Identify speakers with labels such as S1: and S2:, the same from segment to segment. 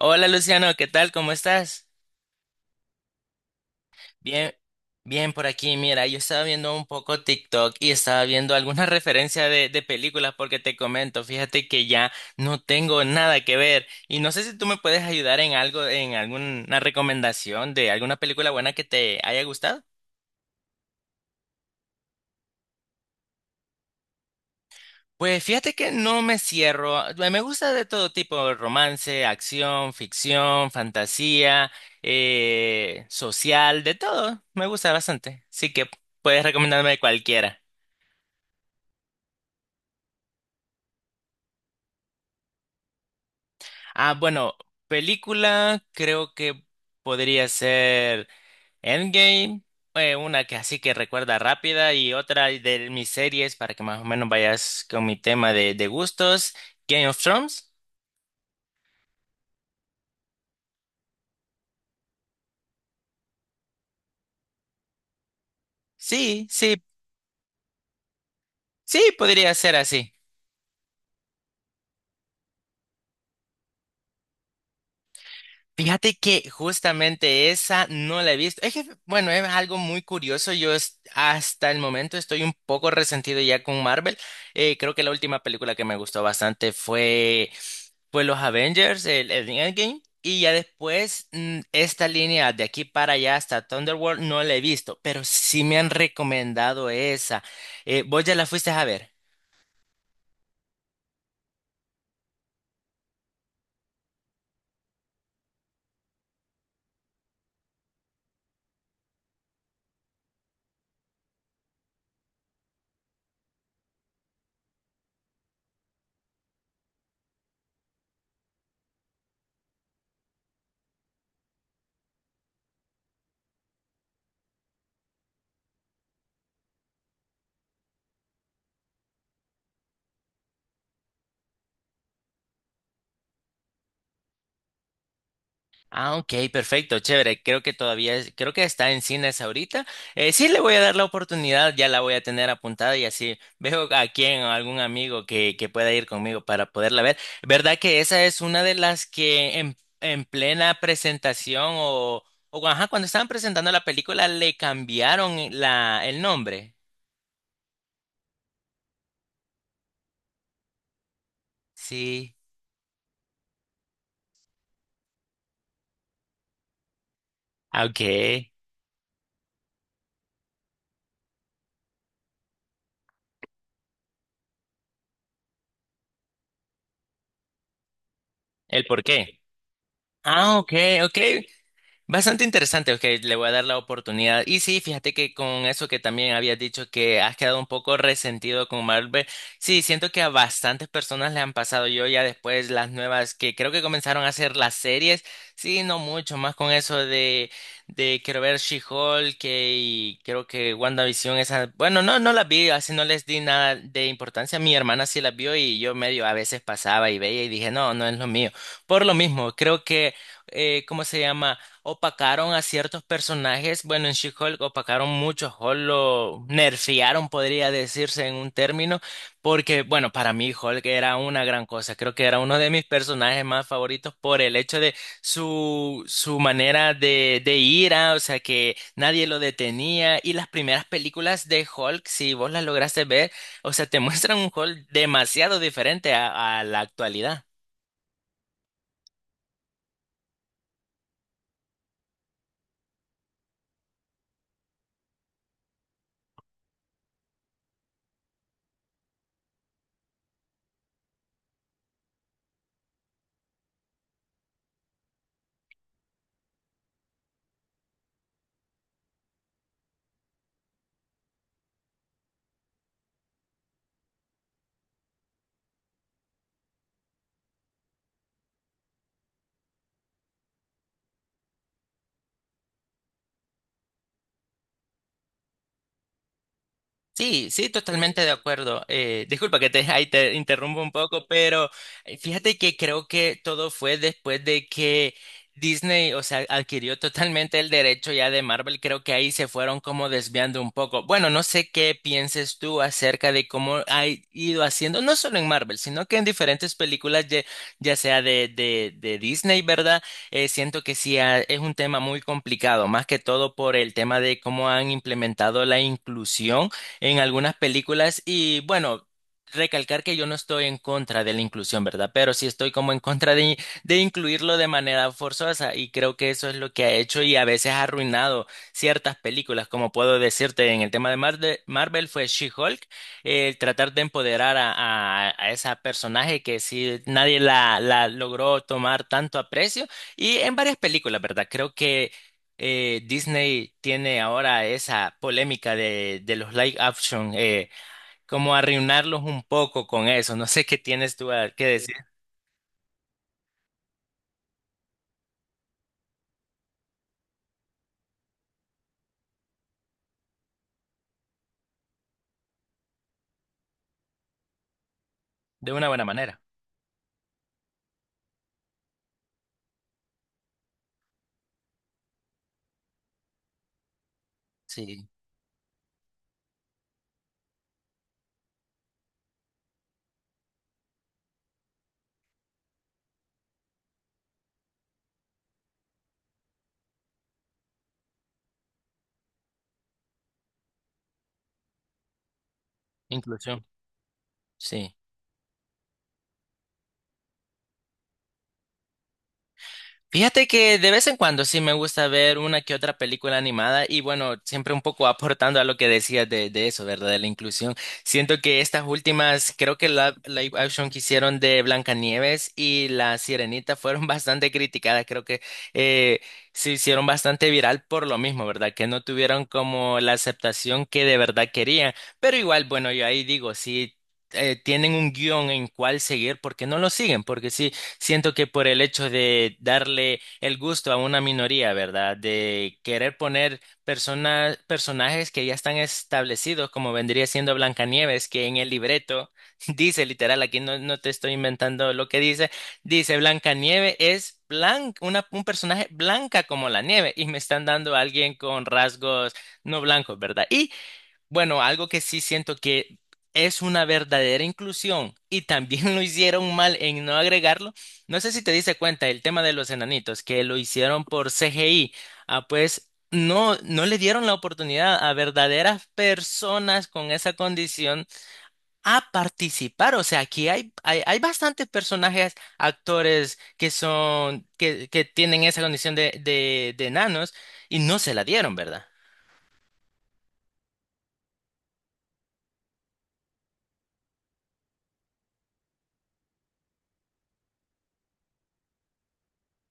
S1: Hola Luciano, ¿qué tal? ¿Cómo estás? Bien, bien por aquí. Mira, yo estaba viendo un poco TikTok y estaba viendo alguna referencia de películas porque te comento, fíjate que ya no tengo nada que ver y no sé si tú me puedes ayudar en algo, en alguna recomendación de alguna película buena que te haya gustado. Pues fíjate que no me cierro. Me gusta de todo tipo: romance, acción, ficción, fantasía, social, de todo. Me gusta bastante. Así que puedes recomendarme cualquiera. Ah, bueno, película creo que podría ser Endgame, una que así que recuerda rápida, y otra de mis series para que más o menos vayas con mi tema de gustos. Game of Thrones. Sí, sí, sí, podría ser así. Fíjate que justamente esa no la he visto. Es que, bueno, es algo muy curioso. Yo hasta el momento estoy un poco resentido ya con Marvel. Creo que la última película que me gustó bastante fue los Avengers, el Endgame. Y ya después, esta línea de aquí para allá hasta Thunderworld no la he visto, pero sí me han recomendado esa. ¿Vos ya la fuiste a ver? Ah, ok, perfecto, chévere. Creo que todavía, creo que está en cines ahorita. Sí, le voy a dar la oportunidad, ya la voy a tener apuntada y así veo a quién o algún amigo que pueda ir conmigo para poderla ver. ¿Verdad que esa es una de las que en plena presentación o ajá, cuando estaban presentando la película le cambiaron la, el nombre? Sí. Ah, ok. ¿El por qué? Ah, ok, ok. Bastante interesante, ok, le voy a dar la oportunidad. Y sí, fíjate que con eso que también habías dicho que has quedado un poco resentido con Marvel, sí, siento que a bastantes personas le han pasado. Yo ya después las nuevas que creo que comenzaron a hacer las series, sí, no mucho, más con eso de quiero ver She-Hulk y creo que WandaVision, esa, bueno, no, no las vi, así no les di nada de importancia. Mi hermana sí las vio y yo medio a veces pasaba y veía y dije, no, no es lo mío. Por lo mismo, creo que, ¿cómo se llama? Opacaron a ciertos personajes. Bueno, en She-Hulk opacaron mucho, Hulk lo nerfearon, podría decirse en un término, porque, bueno, para mí Hulk era una gran cosa. Creo que era uno de mis personajes más favoritos por el hecho de su manera de ira, o sea, que nadie lo detenía. Y las primeras películas de Hulk, si vos las lograste ver, o sea, te muestran un Hulk demasiado diferente a la actualidad. Sí, sí, totalmente de acuerdo. Disculpa que te, ahí te interrumpo un poco, pero fíjate que creo que todo fue después de que Disney, o sea, adquirió totalmente el derecho ya de Marvel. Creo que ahí se fueron como desviando un poco. Bueno, no sé qué pienses tú acerca de cómo ha ido haciendo, no solo en Marvel, sino que en diferentes películas, ya, ya sea de Disney, ¿verdad? Siento que sí es un tema muy complicado, más que todo por el tema de cómo han implementado la inclusión en algunas películas y bueno, recalcar que yo no estoy en contra de la inclusión, ¿verdad? Pero sí estoy como en contra de incluirlo de manera forzosa, y creo que eso es lo que ha hecho y a veces ha arruinado ciertas películas, como puedo decirte en el tema de Marvel fue She-Hulk, el tratar de empoderar a esa personaje que sí nadie la logró tomar tanto aprecio, y en varias películas, ¿verdad? Creo que Disney tiene ahora esa polémica de los live action, como arruinarlos un poco con eso. No sé qué tienes tú que decir de una buena manera. Sí, inclusión. Sí. Fíjate que de vez en cuando sí me gusta ver una que otra película animada y bueno, siempre un poco aportando a lo que decías de eso, ¿verdad? De la inclusión. Siento que estas últimas, creo que la live action que hicieron de Blancanieves y La Sirenita fueron bastante criticadas. Creo que eh, se hicieron bastante viral por lo mismo, ¿verdad? Que no tuvieron como la aceptación que de verdad querían. Pero igual, bueno, yo ahí digo, sí. Tienen un guión en cuál seguir, porque no lo siguen? Porque sí, Siento que por el hecho de darle el gusto a una minoría, ¿verdad? De querer poner personas, personajes que ya están establecidos, como vendría siendo Blancanieves, que en el libreto dice literal, aquí no, no te estoy inventando lo que dice, dice Blancanieves es blanca, una, un personaje blanca como la nieve, y me están dando a alguien con rasgos no blancos, ¿verdad? Y bueno, algo que sí siento que es una verdadera inclusión y también lo hicieron mal en no agregarlo. No sé si te diste cuenta el tema de los enanitos, que lo hicieron por CGI. Ah, pues no, no le dieron la oportunidad a verdaderas personas con esa condición a participar. O sea, aquí hay, hay bastantes personajes, actores que son, que tienen esa condición de enanos, y no se la dieron, ¿verdad?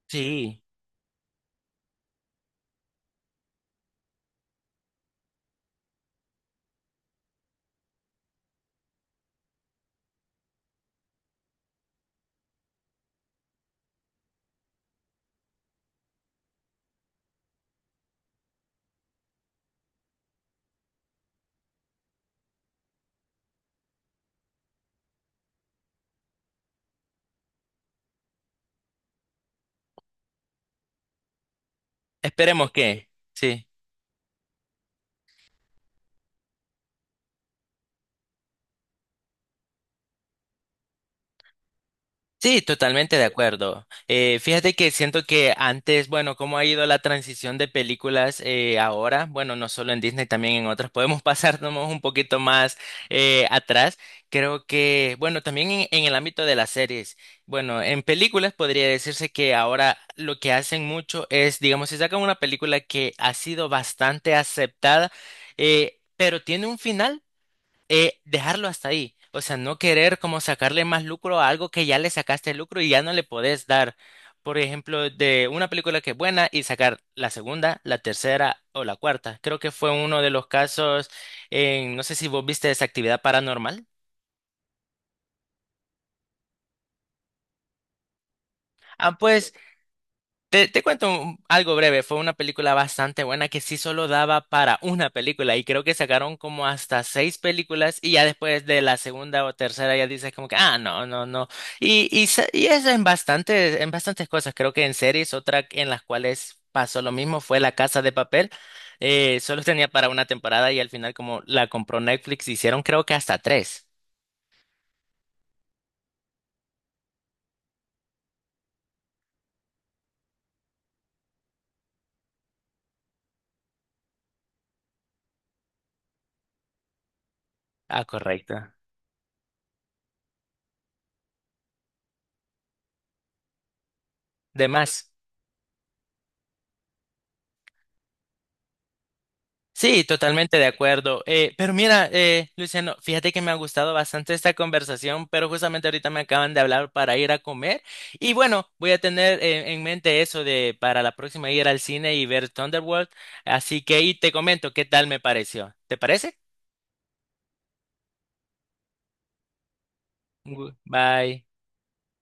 S1: Sí. Esperemos que, sí. Sí, totalmente de acuerdo. Fíjate que siento que antes, bueno, cómo ha ido la transición de películas, ahora, bueno, no solo en Disney, también en otras, podemos pasarnos un poquito más atrás. Creo que, bueno, también en el ámbito de las series, bueno, en películas podría decirse que ahora lo que hacen mucho es, digamos, si sacan una película que ha sido bastante aceptada, pero tiene un final, dejarlo hasta ahí. O sea, no querer como sacarle más lucro a algo que ya le sacaste lucro y ya no le podés dar. Por ejemplo, de una película que es buena y sacar la segunda, la tercera o la cuarta. Creo que fue uno de los casos en, no sé si vos viste esa Actividad Paranormal. Ah, pues te cuento algo breve, fue una película bastante buena que sí solo daba para una película y creo que sacaron como hasta seis películas, y ya después de la segunda o tercera ya dices como que, ah, no, no, no. Y, y eso en bastantes cosas. Creo que en series, otra en las cuales pasó lo mismo fue La Casa de Papel, solo tenía para una temporada y al final como la compró Netflix hicieron creo que hasta tres. Ah, correcto. De más. Sí, totalmente de acuerdo. Pero mira, Luciano, fíjate que me ha gustado bastante esta conversación, pero justamente ahorita me acaban de hablar para ir a comer. Y bueno, voy a tener en mente eso de para la próxima ir al cine y ver Thunderworld. Así que ahí te comento qué tal me pareció. ¿Te parece? Bye.